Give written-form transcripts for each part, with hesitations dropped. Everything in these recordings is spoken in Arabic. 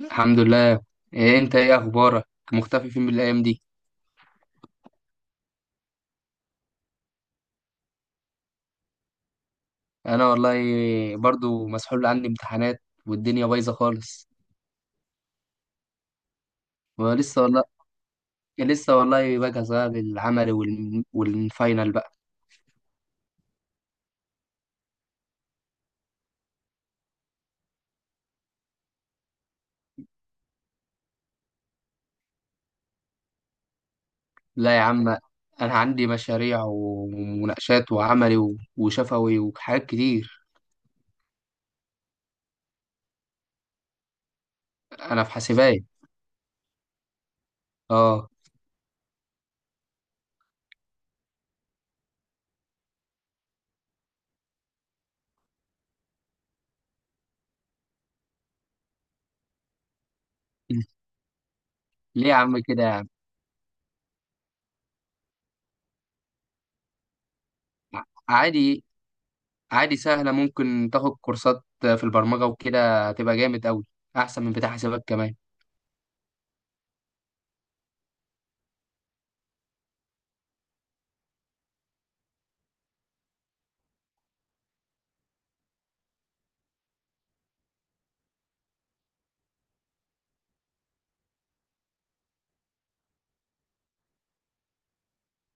الحمد لله. انت ايه اخبارك؟ مختفي فين من الايام دي؟ انا والله برضو مسحول، عندي امتحانات والدنيا بايظه خالص. ولسه والله بجهز بقى للعمل والفاينل بقى. لا يا عم، انا عندي مشاريع ومناقشات وعملي وشفوي وحاجات كتير. انا في حاسبات. اه. ليه يا عم كده يا عم؟ عادي، عادي سهله، ممكن تاخد كورسات في البرمجه وكده هتبقى جامد قوي، احسن من بتاع حسابات كمان.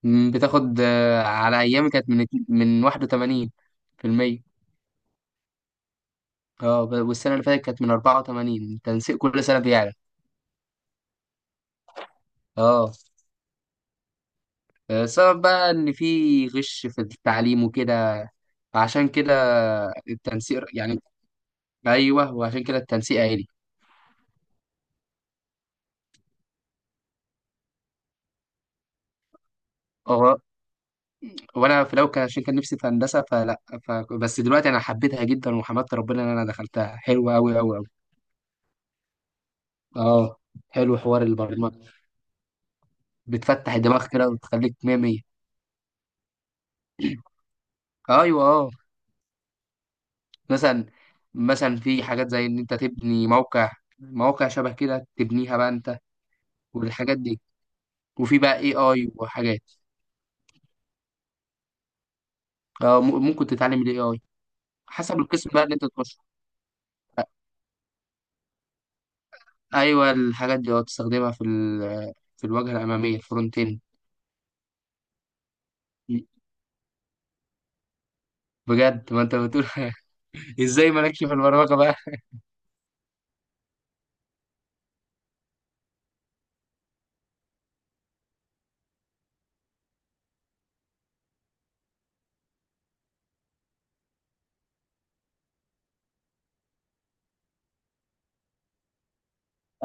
بتاخد، على ايامي كانت من من 81%. اه، والسنه اللي فاتت كانت من 84، تنسيق كل سنه بيعلى. اه، السبب بقى ان في غش في التعليم وكده، عشان كده التنسيق يعني. ايوه، وعشان كده التنسيق عالي. هو- وانا في الاول كان عشان كان نفسي في هندسه بس دلوقتي انا حبيتها جدا وحمدت ربنا ان انا دخلتها، حلوه قوي قوي قوي. اه، حلو حوار البرمجه، بتفتح الدماغ كده وتخليك 100 100. ايوه اه. مثلا، في حاجات زي ان انت تبني موقع، مواقع شبه كده تبنيها بقى انت، والحاجات دي. وفي بقى اي اي وحاجات. ممكن تتعلم الاي اي حسب القسم بقى اللي انت تخشه. ايوه الحاجات دي اه، تستخدمها في في الواجهه الاماميه الفرونت اند. بجد ما انت بتقول. ازاي مالكش في البرمجه بقى؟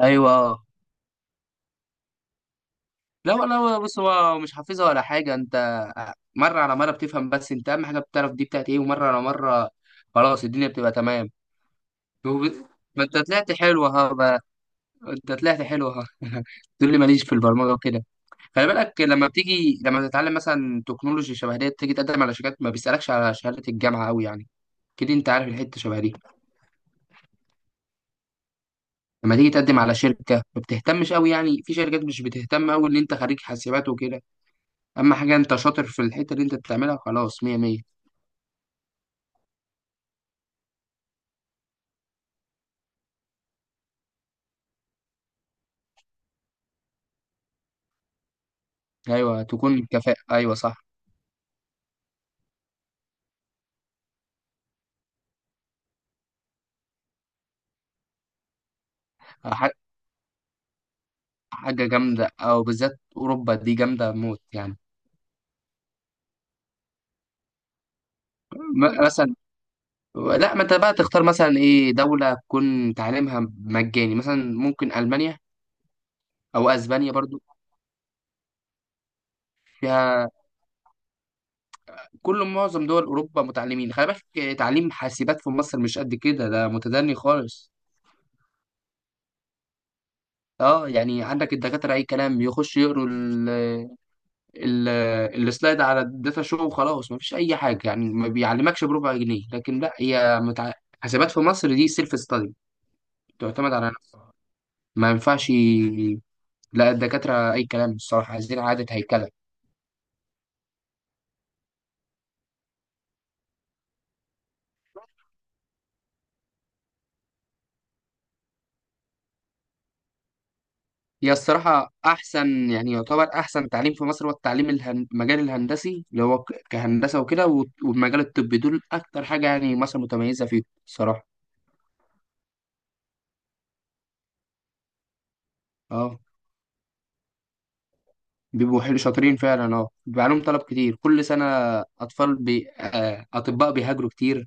ايوه اه. لا لا، بص هو مش حافظها ولا حاجه انت، مره على مره بتفهم، بس انت اهم حاجه بتعرف دي بتاعت ايه، ومره على مره خلاص الدنيا بتبقى تمام. وب- ما انت طلعت حلو اهو بقى، انت طلعت حلو اهو، تقول لي ماليش في البرمجه وكده. خلي بالك لما بتيجي لما تتعلم مثلا تكنولوجي شبه ديت، تيجي تقدم على شركات ما بيسالكش على شهاده الجامعه قوي يعني، كده انت عارف الحته شبه دي. لما تيجي تقدم على شركه ما بتهتمش قوي يعني، في شركات مش بتهتم قوي ان انت خريج حاسبات وكده، اما حاجه انت شاطر في الحته اللي انت بتعملها خلاص 100 100. ايوه تكون كفاءه، ايوه صح. ح- حاجه جامده، او بالذات اوروبا دي جامده موت يعني. مثلا، لا ما انت بقى تختار مثلا ايه، دولة تكون تعليمها مجاني، مثلا ممكن ألمانيا او اسبانيا برضو فيها، كل معظم دول اوروبا متعلمين. خلي بالك تعليم حاسبات في مصر مش قد كده، ده متدني خالص. اه يعني عندك الدكاترة اي كلام، يخش يقروا ال السلايد على الداتا شو وخلاص، مفيش اي حاجة يعني، ما بيعلمكش بربع جنيه. لكن لا، حاسبات في مصر دي سيلف ستادي، تعتمد على نفسها. ما ينفعش، لا الدكاترة اي كلام الصراحة، عايزين عادة هيكلة. هي الصراحة أحسن، يعني يعتبر أحسن تعليم في مصر هو التعليم المجال الهندسي، اللي هو كهندسة وكده، والمجال الطبي، دول أكتر حاجة يعني مصر متميزة فيه الصراحة. أه، بيبقوا حلو شاطرين فعلا، أه بيبقى عليهم طلب كتير كل سنة. أطفال بي... آه، أطباء بيهاجروا كتير.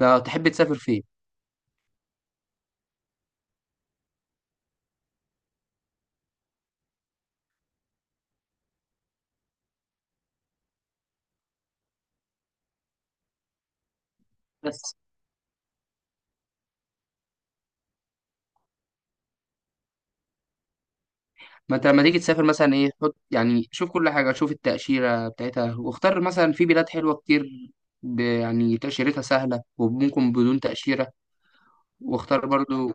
فتحب تسافر فين؟ بس ما أنت لما تيجي تسافر مثلا إيه، حط يعني شوف كل حاجة، شوف التأشيرة بتاعتها واختار، مثلا في بلاد حلوة كتير، يعني تأشيرتها سهلة وممكن بدون تأشيرة. واختار برضو.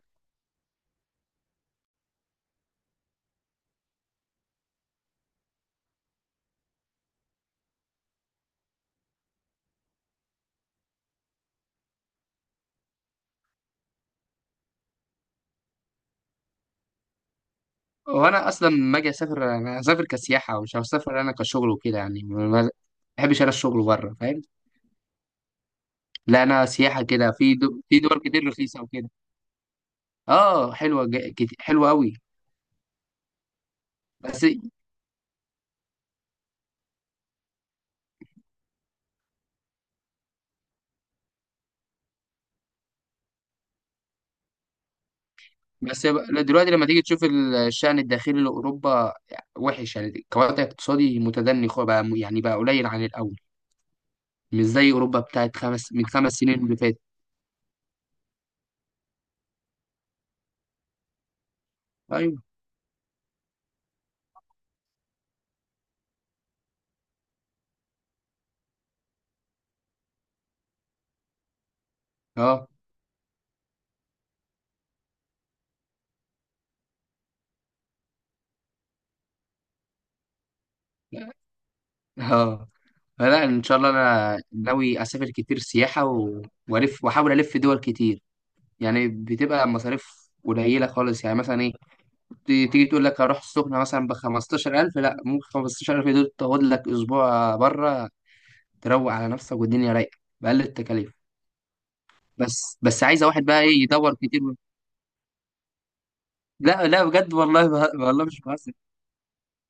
وانا اصلا لما اجي اسافر انا هسافر كسياحه، مش هسافر انا كشغل وكده يعني، ما بحبش انا الشغل بره فاهم. لا انا سياحه كده، في دول كتير رخيصه وكده. اه حلوه قوي. بس بس دلوقتي لما تيجي تشوف الشأن الداخلي لأوروبا وحش يعني، كوضع اقتصادي متدني، بقى يعني بقى قليل عن الأول، مش زي أوروبا بتاعت خمس، من خمس سنين اللي فاتت. أيوه. اه اه. لا ان شاء الله انا ناوي اسافر كتير سياحه، والف واحاول الف دول كتير، يعني بتبقى مصاريف قليله خالص. يعني مثلا ايه، تيجي تقول لك هروح السخنه مثلا ب 15000، لا ممكن 15000 دول تاخد لك اسبوع بره، تروق على نفسك والدنيا رايقه باقل التكاليف. بس عايزه واحد بقى ايه، يدور كتير. لا لا بجد والله والله مش بهزر.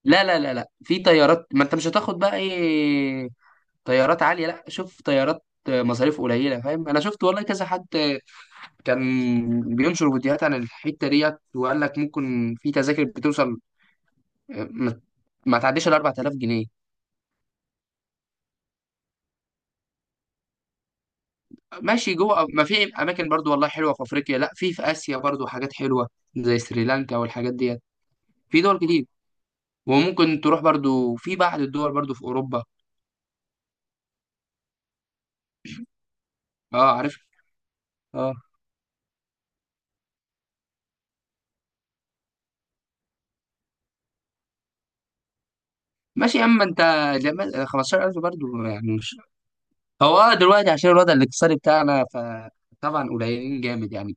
لا لا لا لا، في طيارات ما انت مش هتاخد بقى ايه، طيارات عاليه، لا شوف طيارات مصاريف قليله فاهم. انا شفت والله كذا حد كان بينشر فيديوهات عن الحته ديت وقال لك ممكن في تذاكر بتوصل، آه، ما ما تعديش ال 4000 جنيه. ماشي، جوه ما في اماكن برضو والله حلوه في افريقيا، لا في اسيا برضو حاجات حلوه زي سريلانكا والحاجات ديت، في دول كتير. وممكن تروح برضو في بعض الدول برضو في اوروبا. اه عارف. اه. ماشي، اما انت لما 15000 برضو يعني مش. هو آه، دلوقتي عشان الوضع الاقتصادي بتاعنا، فطبعا قليلين جامد يعني.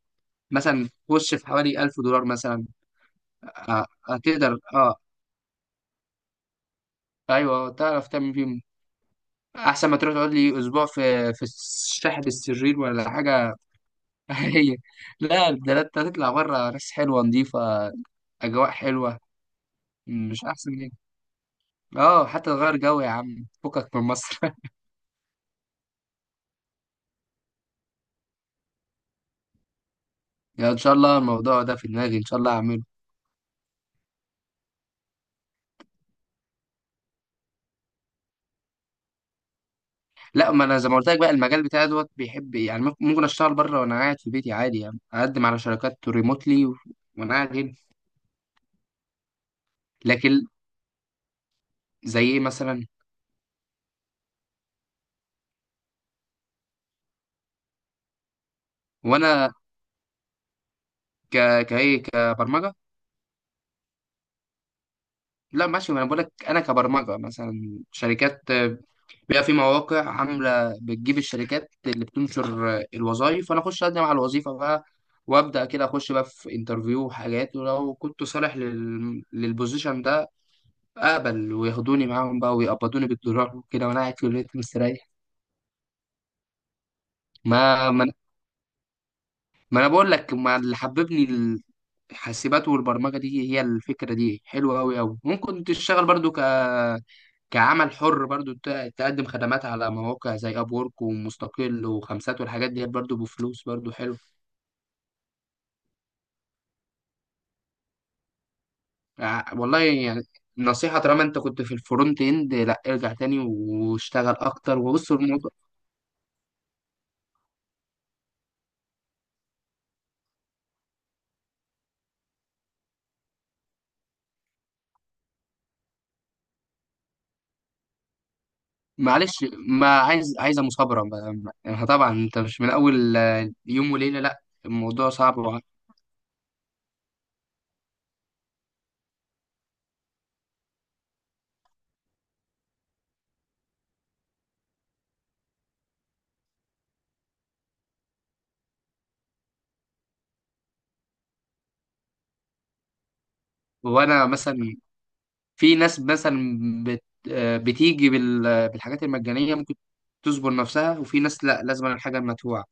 مثلا خش في حوالي 1000 دولار مثلا، هتقدر. اه ايوه، تعرف تعمل فيهم احسن ما تروح تقعد لي اسبوع في، في شاحة السرير ولا حاجه. هي، لا ده انت هتطلع بره ناس حلوه نظيفه، اجواء حلوه. مش احسن من كده؟ اه حتى تغير جو يا عم فكك من مصر. يعني ان شاء الله الموضوع ده في دماغي، ان شاء الله هعمله. لا ما انا زي ما قلت لك بقى المجال بتاعي دوت بيحب يعني، ممكن اشتغل بره وانا قاعد في بيتي عادي يعني، اقدم على شركات ريموتلي وانا قاعد هنا. لكن، زي ايه مثلا؟ وانا ك كايه كبرمجه. لا ماشي ما انا بقول لك انا كبرمجه، مثلا شركات، بيبقى في مواقع عامله بتجيب الشركات اللي بتنشر الوظائف، فانا اخش اقدم على الوظيفه بقى، وابدا كده اخش بقى في انترفيو وحاجات، ولو كنت صالح للبوزيشن ده، اقبل وياخدوني معاهم بقى، ويقبضوني بالدولار وكده وانا قاعد في البيت مستريح. ما انا ما أنا بقول لك ما اللي حببني الحاسبات والبرمجه دي، هي الفكره دي حلوه قوي قوي، ممكن تشتغل برضو كعمل حر برضو، تقدم خدمات على مواقع زي اب وورك ومستقل وخمسات والحاجات دي برضو، بفلوس برضو حلو. والله يعني نصيحة طالما انت كنت في الفرونت اند، لا ارجع تاني واشتغل اكتر وبص الموضوع. معلش ما عايز، عايزة مثابرة، طبعا انت مش من اول يوم وليلة، لا الموضوع صعب وانا مثلا، في ناس مثلا بت آه، بتيجي بالحاجات المجانية ممكن تصبر نفسها، وفي ناس لا لازم الحاجة المدفوعة.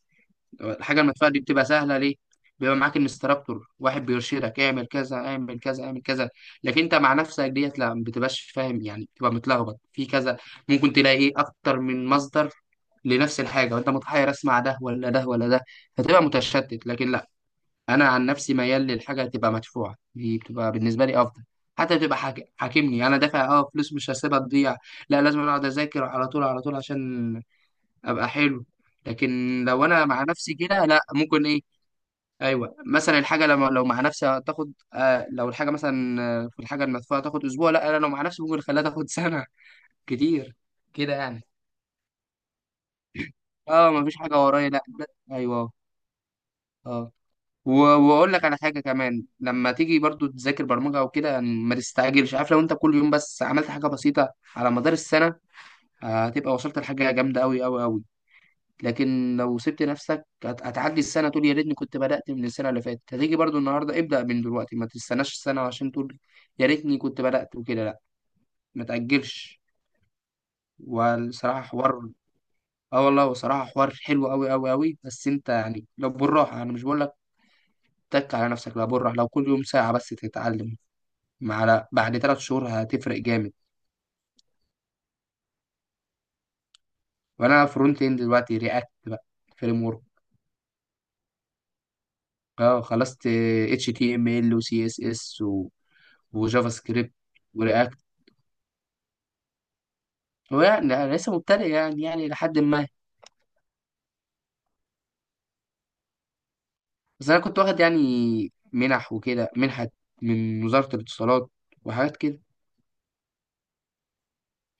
الحاجة المدفوعة دي بتبقى سهلة ليه؟ بيبقى معاك انستراكتور واحد بيرشدك اعمل كذا اعمل كذا اعمل كذا، لكن انت مع نفسك ديت لا ما بتبقاش فاهم يعني، بتبقى متلخبط في كذا، ممكن تلاقي ايه اكتر من مصدر لنفس الحاجة، وانت متحير اسمع ده ولا ده ولا ده، فتبقى متشتت. لكن لا، انا عن نفسي ميال للحاجة تبقى مدفوعة، دي بتبقى بالنسبة لي افضل، حتى بتبقى حاكمني، يعني انا دافع فلوس مش هسيبها تضيع، لا لازم اقعد اذاكر على طول على طول عشان ابقى حلو. لكن لو انا مع نفسي كده، لا ممكن ايه. ايوه مثلا الحاجه لما لو مع نفسي هتاخد لو الحاجه مثلا، في الحاجه المدفوعه تاخد اسبوع، لا انا لو مع نفسي ممكن اخليها تاخد سنه كتير كده يعني. اه مفيش حاجه ورايا. لا, لا. ايوه. اه. واقول لك على حاجه كمان، لما تيجي برضو تذاكر برمجه او كده يعني ما تستعجلش، عارف لو انت كل يوم بس عملت حاجه بسيطه على مدار السنه، هتبقى وصلت لحاجه جامده قوي قوي قوي. لكن لو سبت نفسك هتعدي السنة تقول يا ريتني كنت بدأت من السنة اللي فاتت، هتيجي برضو النهاردة ابدأ من دلوقتي، ما تستناش السنة عشان تقول يا ريتني كنت بدأت وكده، لا ما تأجلش. والصراحة حوار. اه والله، وصراحة حوار حلو أوي أوي أوي، بس أنت يعني لو بالراحة، أنا مش بقول لك تك على نفسك، لا بالراحة، لو كل يوم ساعة بس تتعلم، مع، لا بعد ثلاث شهور هتفرق جامد. وأنا فرونت إند دلوقتي رياكت بقى فريم ورك. اه خلصت اتش تي ام ال وسي اس اس وجافا سكريبت. هو يعني أنا لسه مبتدئ يعني يعني لحد ما. بس أنا كنت واخد يعني منح وكده، منحة من وزارة الاتصالات وحاجات كده.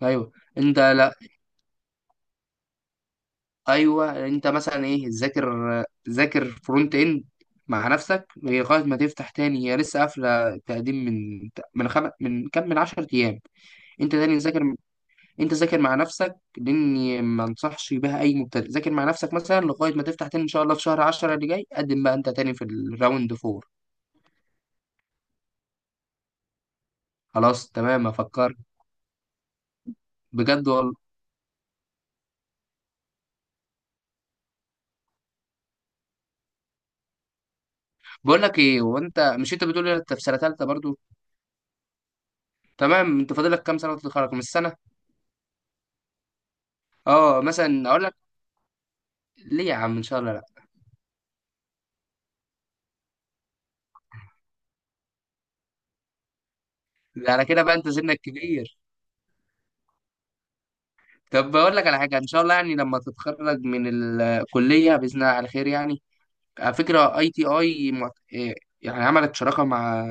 أيوه، أنت لا، أيوه أنت مثلا إيه، ذاكر، ذاكر فرونت إند مع نفسك لغاية ما تفتح تاني، هي لسه قافلة تقديم من من كام، من 10 أيام. أنت تاني ذاكر، أنت ذاكر مع نفسك، لأني ما أنصحش بها أي مبتدئ. ذاكر مع نفسك مثلا لغاية ما تفتح تاني إن شاء الله في شهر 10 اللي جاي، قدم بقى أنت تاني في الراوند 4. خلاص تمام افكر. بجد والله. بقول لك ايه، وانت مش، انت بتقول انت في سنه ثالثه برضو؟ تمام، انت فاضل لك كام سنه وتتخرج من السنه؟ اه مثلا اقول لك، ليه يا عم ان شاء الله لا، ده على كده بقى انت سنك كبير. طب بقول لك على حاجه ان شاء الله، يعني لما تتخرج من الكليه باذن الله على خير يعني، على فكره اي تي اي، يعني عملت شراكه مع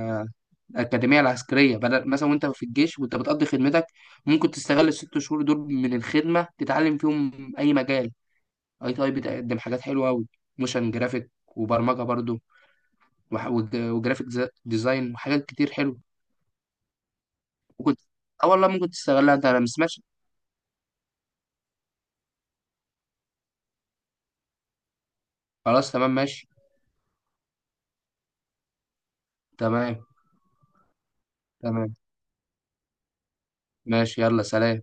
الأكاديمية العسكرية، بدل مثلا وأنت في الجيش وأنت بتقضي خدمتك ممكن تستغل الست شهور دول من الخدمة تتعلم فيهم أي مجال. اي تي اي بتقدم حاجات حلوه قوي، موشن جرافيك وبرمجه برضو، وجرافيك ديزاين وحاجات كتير حلوه. ممكن، اه والله ممكن تستغلها انت، انا ما سمعتش. خلاص تمام ماشي. تمام. تمام ماشي، يلا سلام.